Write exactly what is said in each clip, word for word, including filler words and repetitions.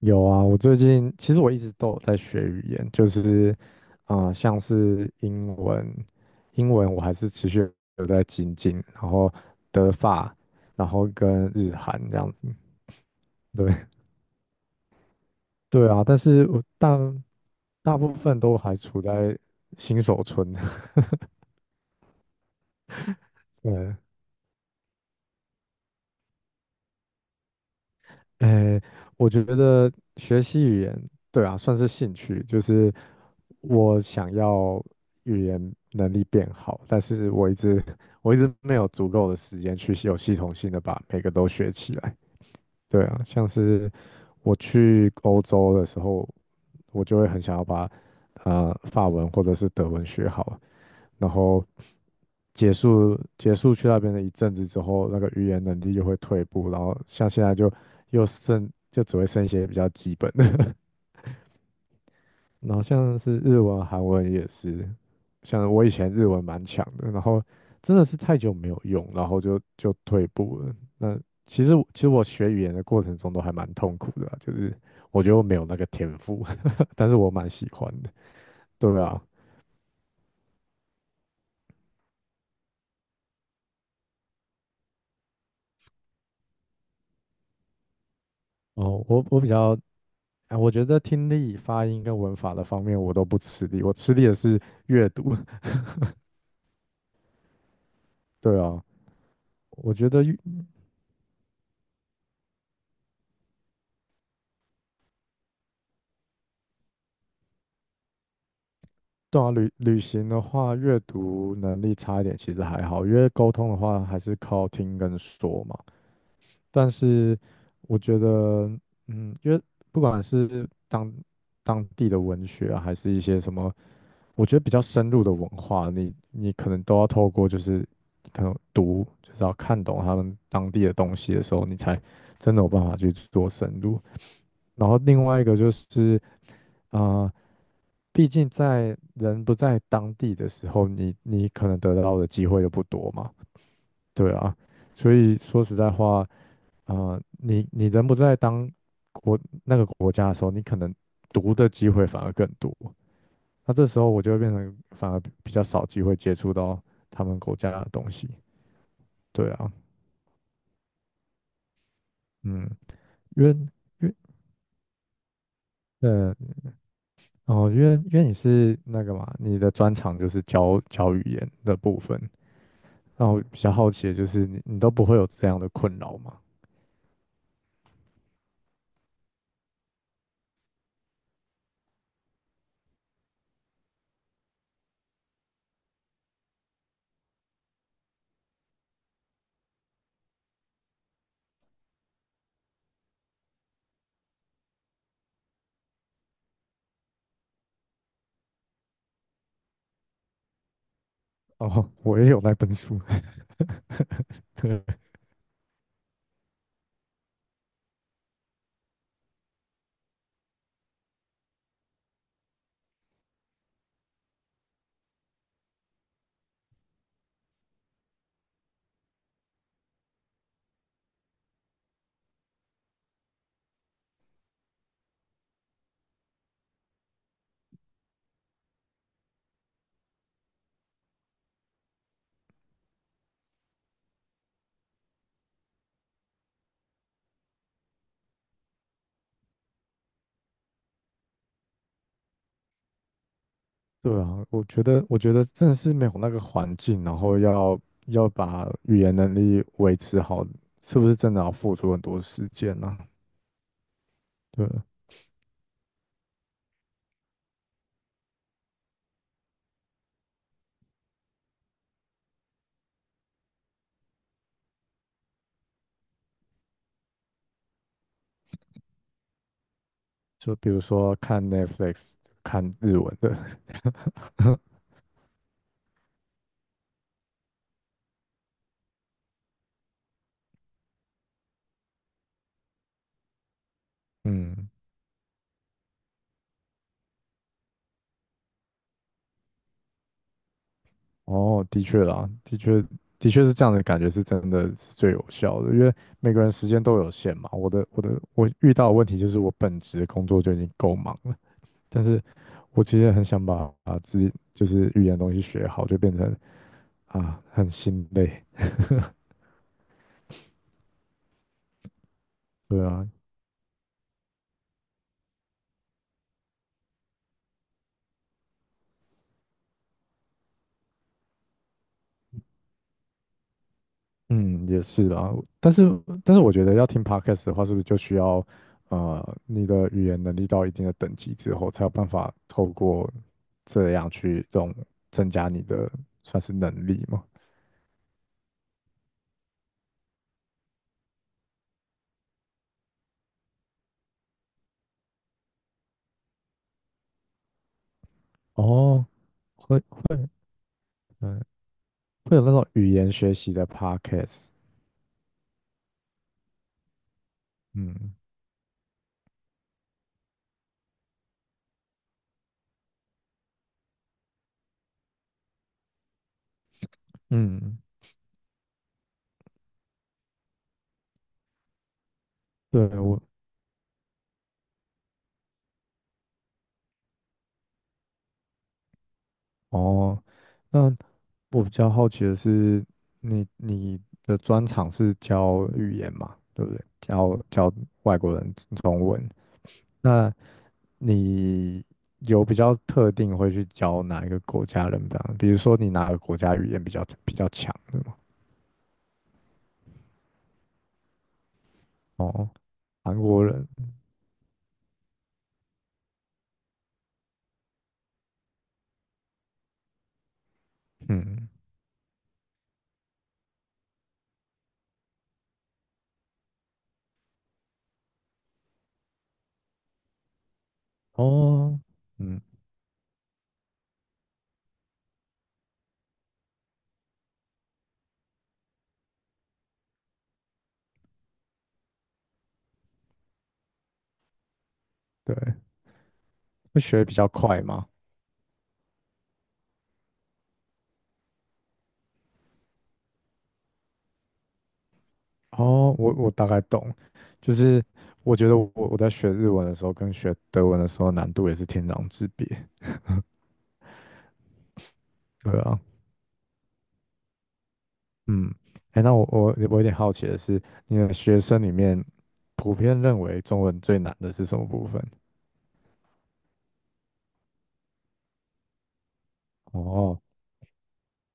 有啊，我最近其实我一直都有在学语言，就是啊、呃像是英文，英文我还是持续有在精进，然后德法，然后跟日韩这样子，对。 对啊，但是我大大部分都还处在新手村。对。哎，我觉得学习语言，对啊，算是兴趣，就是我想要语言能力变好，但是我一直 我一直没有足够的时间去有系统性的把每个都学起来。对啊，像是我去欧洲的时候，我就会很想要把呃法文或者是德文学好，然后结束结束去那边的一阵子之后，那个语言能力就会退步，然后像现在就又剩就只会剩一些比较基本的。然后像是日文、韩文也是，像我以前日文蛮强的，然后真的是太久没有用，然后就就退步了。那其实我其实我学语言的过程中都还蛮痛苦的啊，就是我觉得我没有那个天赋，但是我蛮喜欢的。对啊。哦，我我比较哎，我觉得听力、发音跟文法的方面我都不吃力，我吃力的是阅读。对啊，我觉得阅，对啊，旅旅行的话，阅读能力差一点其实还好，因为沟通的话还是靠听跟说嘛。但是我觉得，嗯，因为不管是当当地的文学啊还是一些什么我觉得比较深入的文化，你你可能都要透过就是可能读，就是要看懂他们当地的东西的时候，你才真的有办法去做深入。然后另外一个就是，啊，毕竟在人不在当地的时候，你你可能得到的机会就不多嘛，对啊。所以说实在话，啊，你你人不在当国，那个国家的时候，你可能读的机会反而更多。那这时候我就会变成反而比较少机会接触到他们国家的东西。对啊。嗯，因为因为呃哦，因为因为你是那个嘛，你的专长就是教教语言的部分。那我比较好奇的就是你你都不会有这样的困扰吗？哦，我也有那本书。对。对啊，我觉得，我觉得真的是没有那个环境，然后要要把语言能力维持好，是不是真的要付出很多时间呢、对，就比如说看 Netflix，看日文的。嗯，哦，的确啦，的确，的确是这样的感觉，是真的是最有效的，因为每个人时间都有限嘛。我的，我的，我遇到的问题就是我本职工作就已经够忙了，但是我其实很想把把自己就是语言的东西学好，就变成。啊，很心累。对啊。嗯，也是啊。但是，但是我觉得要听 podcast 的话，是不是就需要呃，你的语言能力到一定的等级之后，才有办法透过这样去这种增加你的算是能力嘛？哦，会会，嗯，会有那种语言学习的 podcast。嗯嗯，对我。哦，那我比较好奇的是，你你的专长是教语言嘛，对不对？教教外国人中文，那你有比较特定会去教哪一个国家人的啊？比如说你哪个国家语言比较比较强的吗？哦，韩国人。嗯，哦，嗯。对，会学得比较快吗？哦，我我大概懂，就是我觉得我我在学日文的时候跟学德文的时候难度也是天壤之别，对啊。嗯，哎，那我我我有点好奇的是，你的学生里面普遍认为中文最难的是什么部分？哦，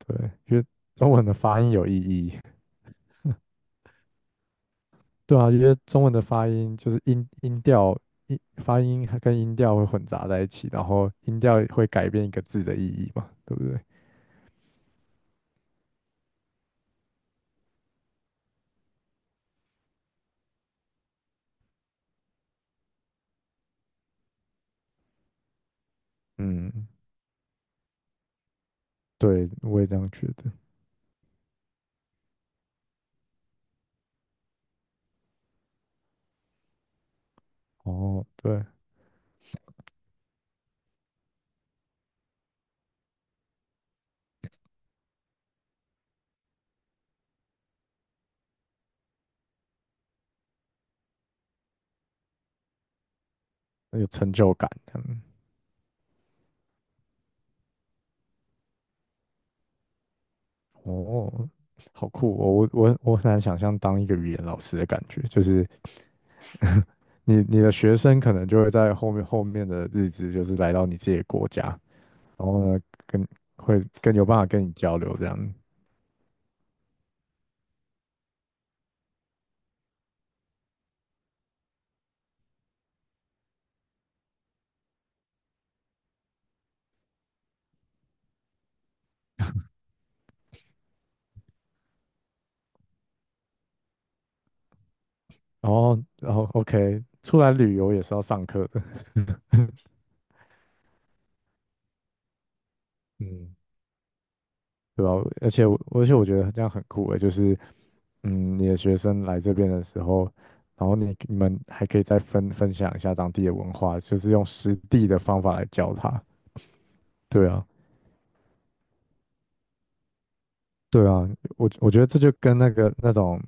对，因为中文的发音有意义。对啊，因为中文的发音就是音音调音发音还跟音调会混杂在一起，然后音调会改变一个字的意义嘛，对不对？嗯，对，我也这样觉得。哦，对，有成就感。嗯，哦，好酷哦！我我我很难想象当一个语言老师的感觉，就是你你的学生可能就会在后面后面的日子，就是来到你自己的国家，然后呢，跟会更有办法跟你交流这样。然后然后 OK，出来旅游也是要上课的。嗯，对吧？而且我而且我觉得这样很酷诶，就是嗯，你的学生来这边的时候，然后你你们还可以再分分享一下当地的文化，就是用实地的方法来教他。对啊，对啊，我我觉得这就跟那个那种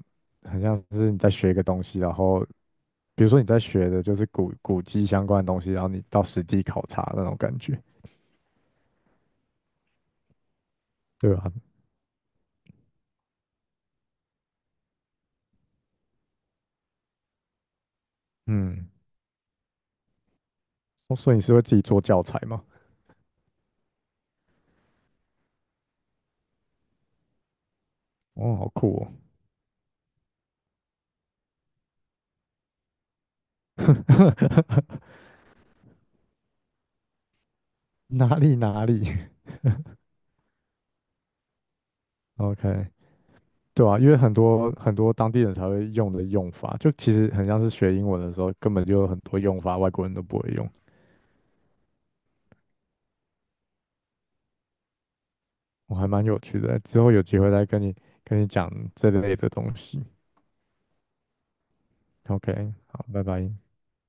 很像是你在学一个东西，然后比如说你在学的就是古古迹相关的东西，然后你到实地考察那种感觉。对啊。嗯，哦，所以你是会自己做教材吗？哦，好酷哦，哪里哪里 ？OK，对啊，因为很多很多当地人才会用的用法，就其实很像是学英文的时候，根本就有很多用法，外国人都不会用，我还蛮有趣的。之后有机会再跟你跟你讲这类的东西。OK，好，拜拜。